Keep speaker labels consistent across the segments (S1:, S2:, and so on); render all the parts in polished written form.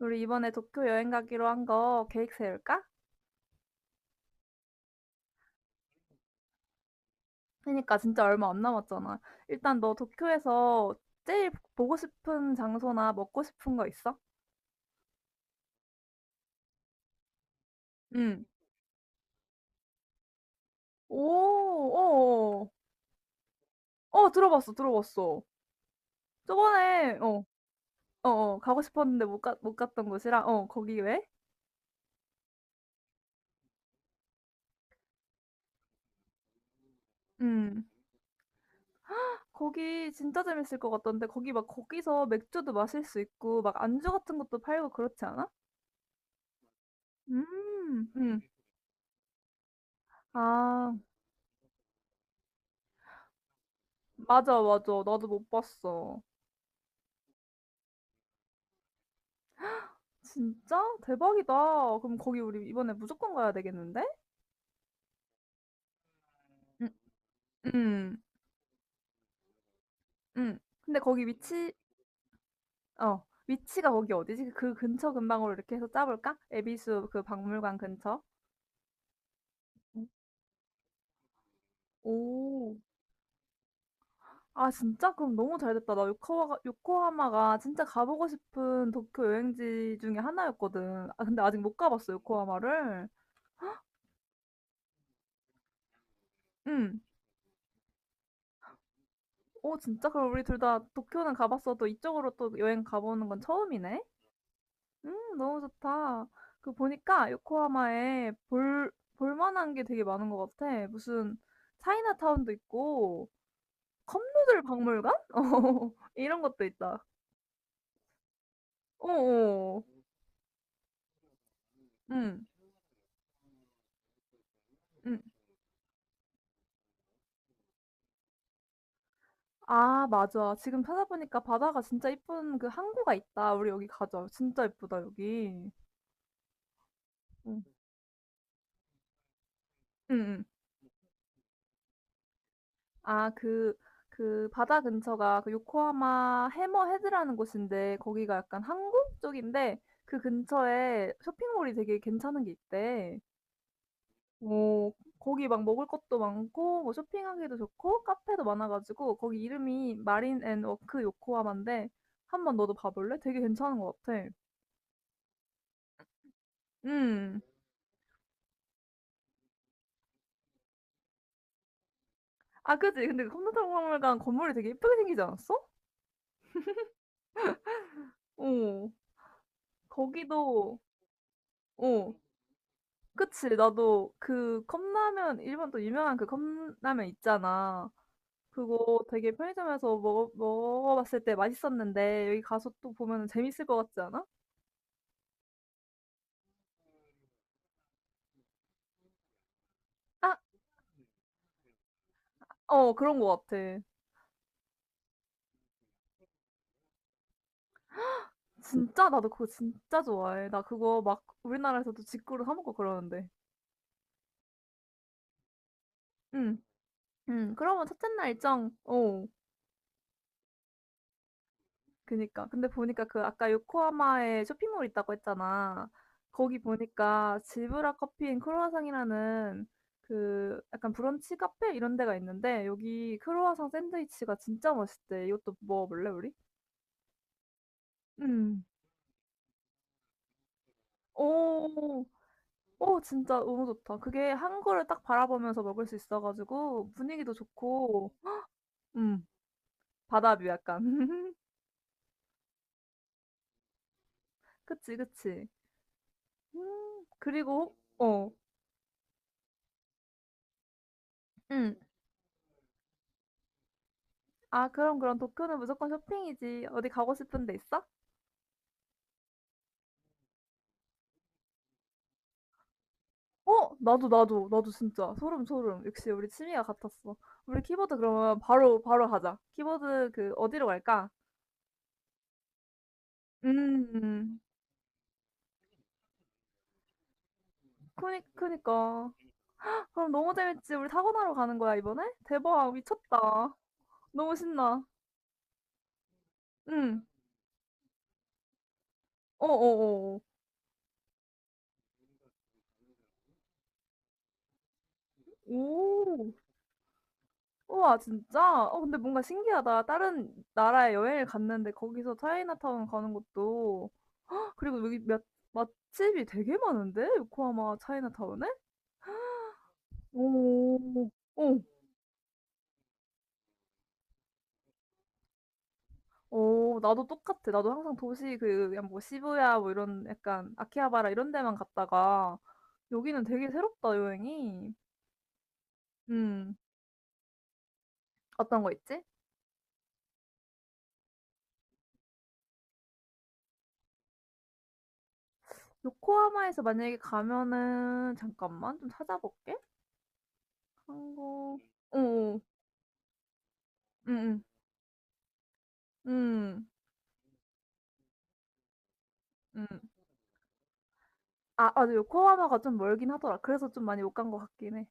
S1: 우리 이번에 도쿄 여행 가기로 한 거 계획 세울까? 그러니까 진짜 얼마 안 남았잖아. 일단 너 도쿄에서 제일 보고 싶은 장소나 먹고 싶은 거 있어? 응. 오, 어, 어, 어, 들어봤어. 저번에 어, 어, 어, 가고 싶었는데 못 갔던 곳이라 어, 거기 왜? 응. 거기 진짜 재밌을 것 같던데, 거기 막 거기서 맥주도 마실 수 있고 막 안주 같은 것도 팔고 그렇지 않아? 응. 아, 맞아, 맞아. 나도 못 봤어. 진짜? 대박이다. 그럼 거기 우리 이번에 무조건 가야 되겠는데? 응, 응, 응. 근데 거기 위치, 어, 위치가 거기 어디지? 그 근처 근방으로 이렇게 해서 짜볼까? 에비수 그 박물관 근처? 응. 오, 아, 진짜? 그럼 너무 잘 됐다. 나 요코하마가 진짜 가보고 싶은 도쿄 여행지 중에 하나였거든. 아, 근데 아직 못 가봤어, 요코하마를. 응. 오, 진짜? 그럼 우리 둘 다 도쿄는 가봤어도 이쪽으로 또 여행 가보는 건 처음이네? 너무 좋다. 그 보니까 요코하마에 볼만한 게 되게 많은 것 같아. 무슨 차이나타운도 있고, 컵누들 박물관? 어, 이런 것도 있다. 어어, 응, 응. 아, 맞아. 지금 찾아보니까 바다가 진짜 이쁜 그 항구가 있다. 우리 여기 가자. 진짜 이쁘다, 여기. 응, 응, 응. 아, 그 바다 근처가 그 요코하마 해머 헤드라는 곳인데, 거기가 약간 항구 쪽인데 그 근처에 쇼핑몰이 되게 괜찮은 게 있대. 오, 거기 막 먹을 것도 많고 뭐 쇼핑하기도 좋고 카페도 많아가지고, 거기 이름이 마린 앤 워크 요코하마인데 한번 너도 봐볼래? 되게 괜찮은 것 같아. 음. 아, 그치. 근데 그 컴퓨터 박물관 건물이 되게 예쁘게 생기지 않았어? 어. 거기도 어. 그치. 나도 그 컵라면, 일본 또 유명한 그 컵라면 있잖아. 그거 되게 편의점에서 먹어봤을 때 맛있었는데, 여기 가서 또 보면 재밌을 것 같지 않아? 아, 어, 그런 것 같아. 진짜 나도 그거 진짜 좋아해. 나 그거 막 우리나라에서도 직구로 사 먹고 그러는데. 응, 응. 그러면 첫째 날 일정. 어. 그니까. 근데 보니까 그 아까 요코하마에 쇼핑몰 있다고 했잖아. 거기 보니까 질브라 커피 앤 크루아상이라는 그 약간 브런치 카페 이런 데가 있는데, 여기 크루아상 샌드위치가 진짜 맛있대. 이것도 먹어볼래, 우리? 음. 오, 오, 진짜 너무 좋다. 그게 한 거를 딱 바라보면서 먹을 수 있어가지고 분위기도 좋고, 음, 바다뷰 약간. 그치, 그치. 그리고, 어, 응. 아, 그럼 도쿄는 무조건 쇼핑이지. 어디 가고 싶은 데 있어? 어? 나도 나도 나도 진짜 소름 소름. 역시 우리 취미가 같았어. 우리 키보드 그러면 바로 바로 가자. 키보드 그 어디로 갈까? 음. 그니까. 그럼 너무 재밌지. 우리 타고나러 가는 거야 이번에? 대박 미쳤다. 너무 신나. 응. 어어어. 오. 우와 진짜? 어, 근데 뭔가 신기하다. 다른 나라에 여행을 갔는데 거기서 차이나타운 가는 것도, 그리고 여기 몇 맛집이 되게 많은데? 요코하마 차이나타운에? 오, 어. 어, 나도 똑같아. 나도 항상 도시 그 그냥 뭐 시부야 뭐 이런 약간 아키하바라 이런 데만 갔다가, 여기는 되게 새롭다, 여행이. 음, 어떤 거 있지? 요코하마에서 만약에 가면은 잠깐만 좀 찾아볼게. 한국. 어, 어, 음, 음, 음, 음. 아, 맞아. 요코하마가 좀 멀긴 하더라. 그래서 좀 많이 못 간 것 같긴 해.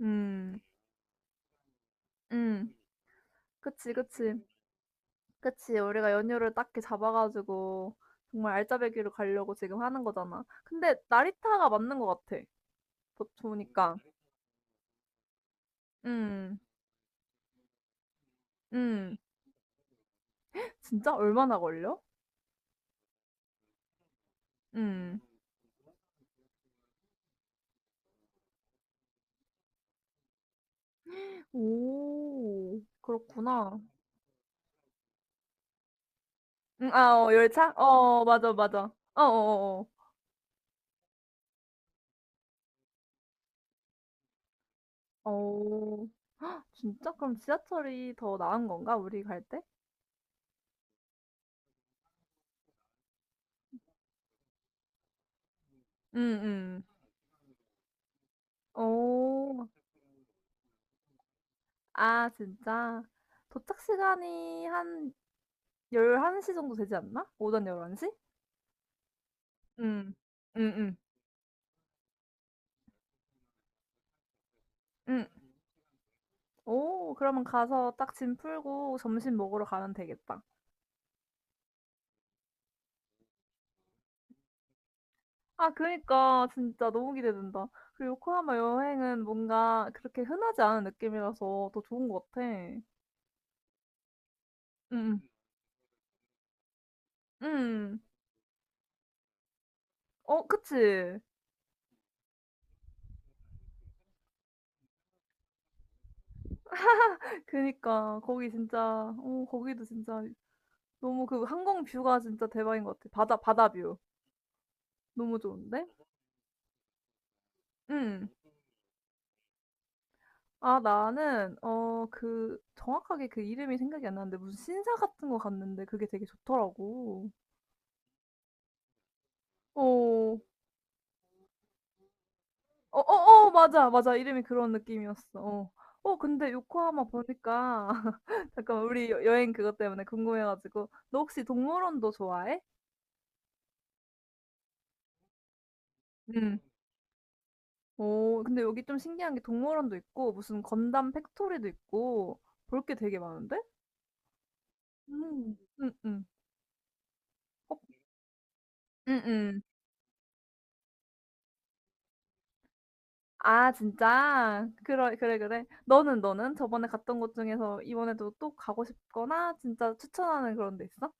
S1: 음, 음. 그치, 그치. 그치, 우리가 연휴를 딱히 잡아가지고 정말 알짜배기로 가려고 지금 하는 거잖아. 근데 나리타가 맞는 것 같아. 보니까. 음, 음. 진짜 얼마나 걸려? 음. 오, 그렇구나. 아, 어, 열차? 어, 어, 맞아, 맞아. 어, 어, 어. 어, 어. 진짜? 그럼 지하철이 더 나은 건가? 우리 갈 때? 음, 오, 아, 진짜. 도착 시간이 한 11시 정도 되지 않나? 오전 1 1시응 응응 응 응. 오, 그러면 가서 딱 짐 풀고 점심 먹으러 가면 되겠다. 아, 그니까 진짜 너무 기대된다. 그리고 요코하마 여행은 뭔가 그렇게 흔하지 않은 느낌이라서 더 좋은 것 같아. 응, 응. 어, 그치? 그니까 거기 진짜, 어, 거기도 진짜 너무 그 항공 뷰가 진짜 대박인 것 같아. 바다 뷰. 너무 좋은데? 응. 아, 나는 어 그 정확하게 그 이름이 생각이 안 나는데 무슨 신사 같은 거 갔는데 그게 되게 좋더라고. 어. 어어어, 맞아. 맞아. 이름이 그런 느낌이었어. 어. 어, 근데 요코하마 보니까 잠깐만, 우리 여행 그것 때문에 궁금해 가지고, 너 혹시 동물원도 좋아해? 응. 오, 근데 여기 좀 신기한 게 동물원도 있고 무슨 건담 팩토리도 있고, 볼 게 되게 많은데? 음. 응응. 어, 응응. 아, 진짜? 그래 그래, 그래. 너는, 너는? 저번에 갔던 곳 중에서 이번에도 또 가고 싶거나 진짜 추천하는 그런 데 있어?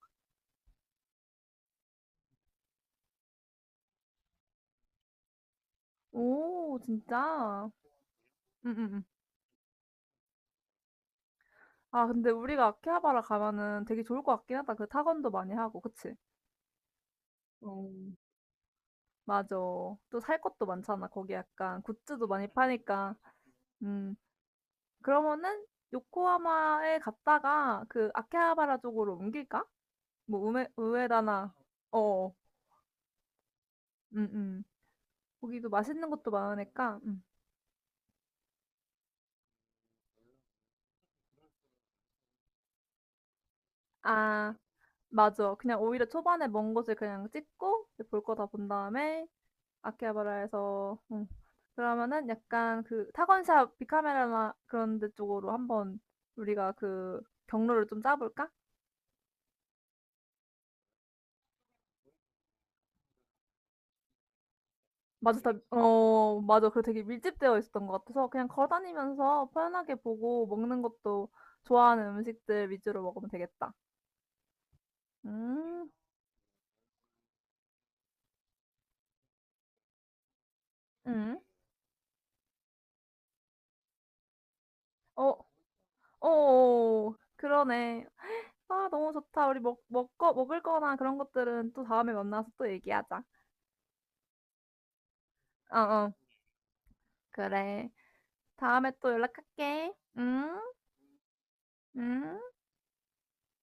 S1: 오, 진짜? 응응응. 아, 근데 우리가 아키하바라 가면은 되게 좋을 것 같긴 하다. 그 타건도 많이 하고, 그치? 어. 맞아. 또 살 것도 많잖아. 거기 약간 굿즈도 많이 파니까. 음. 그러면은 요코하마에 갔다가 그 아키하바라 쪽으로 옮길까? 뭐 우메 우에다나 어어. 응, 응. 거기도 맛있는 것도 많으니까 아, 맞아. 그냥 오히려 초반에 먼 곳을 그냥 찍고 볼 거 다 본 다음에 아키하바라에서 그러면은 약간 그 타건샵 비카메라나 그런 데 쪽으로 한번 우리가 그 경로를 좀 짜볼까? 맞아, 다, 어, 맞아. 그리고 되게 밀집되어 있었던 것 같아서 그냥 걸어다니면서 편하게 보고, 먹는 것도 좋아하는 음식들 위주로 먹으면 되겠다. 음, 음. 어, 어, 그러네. 아, 너무 좋다. 우리 먹을 거나 그런 것들은 또 다음에 만나서 또 얘기하자. 어, 어. 그래. 다음에 또 연락할게. 응? 응?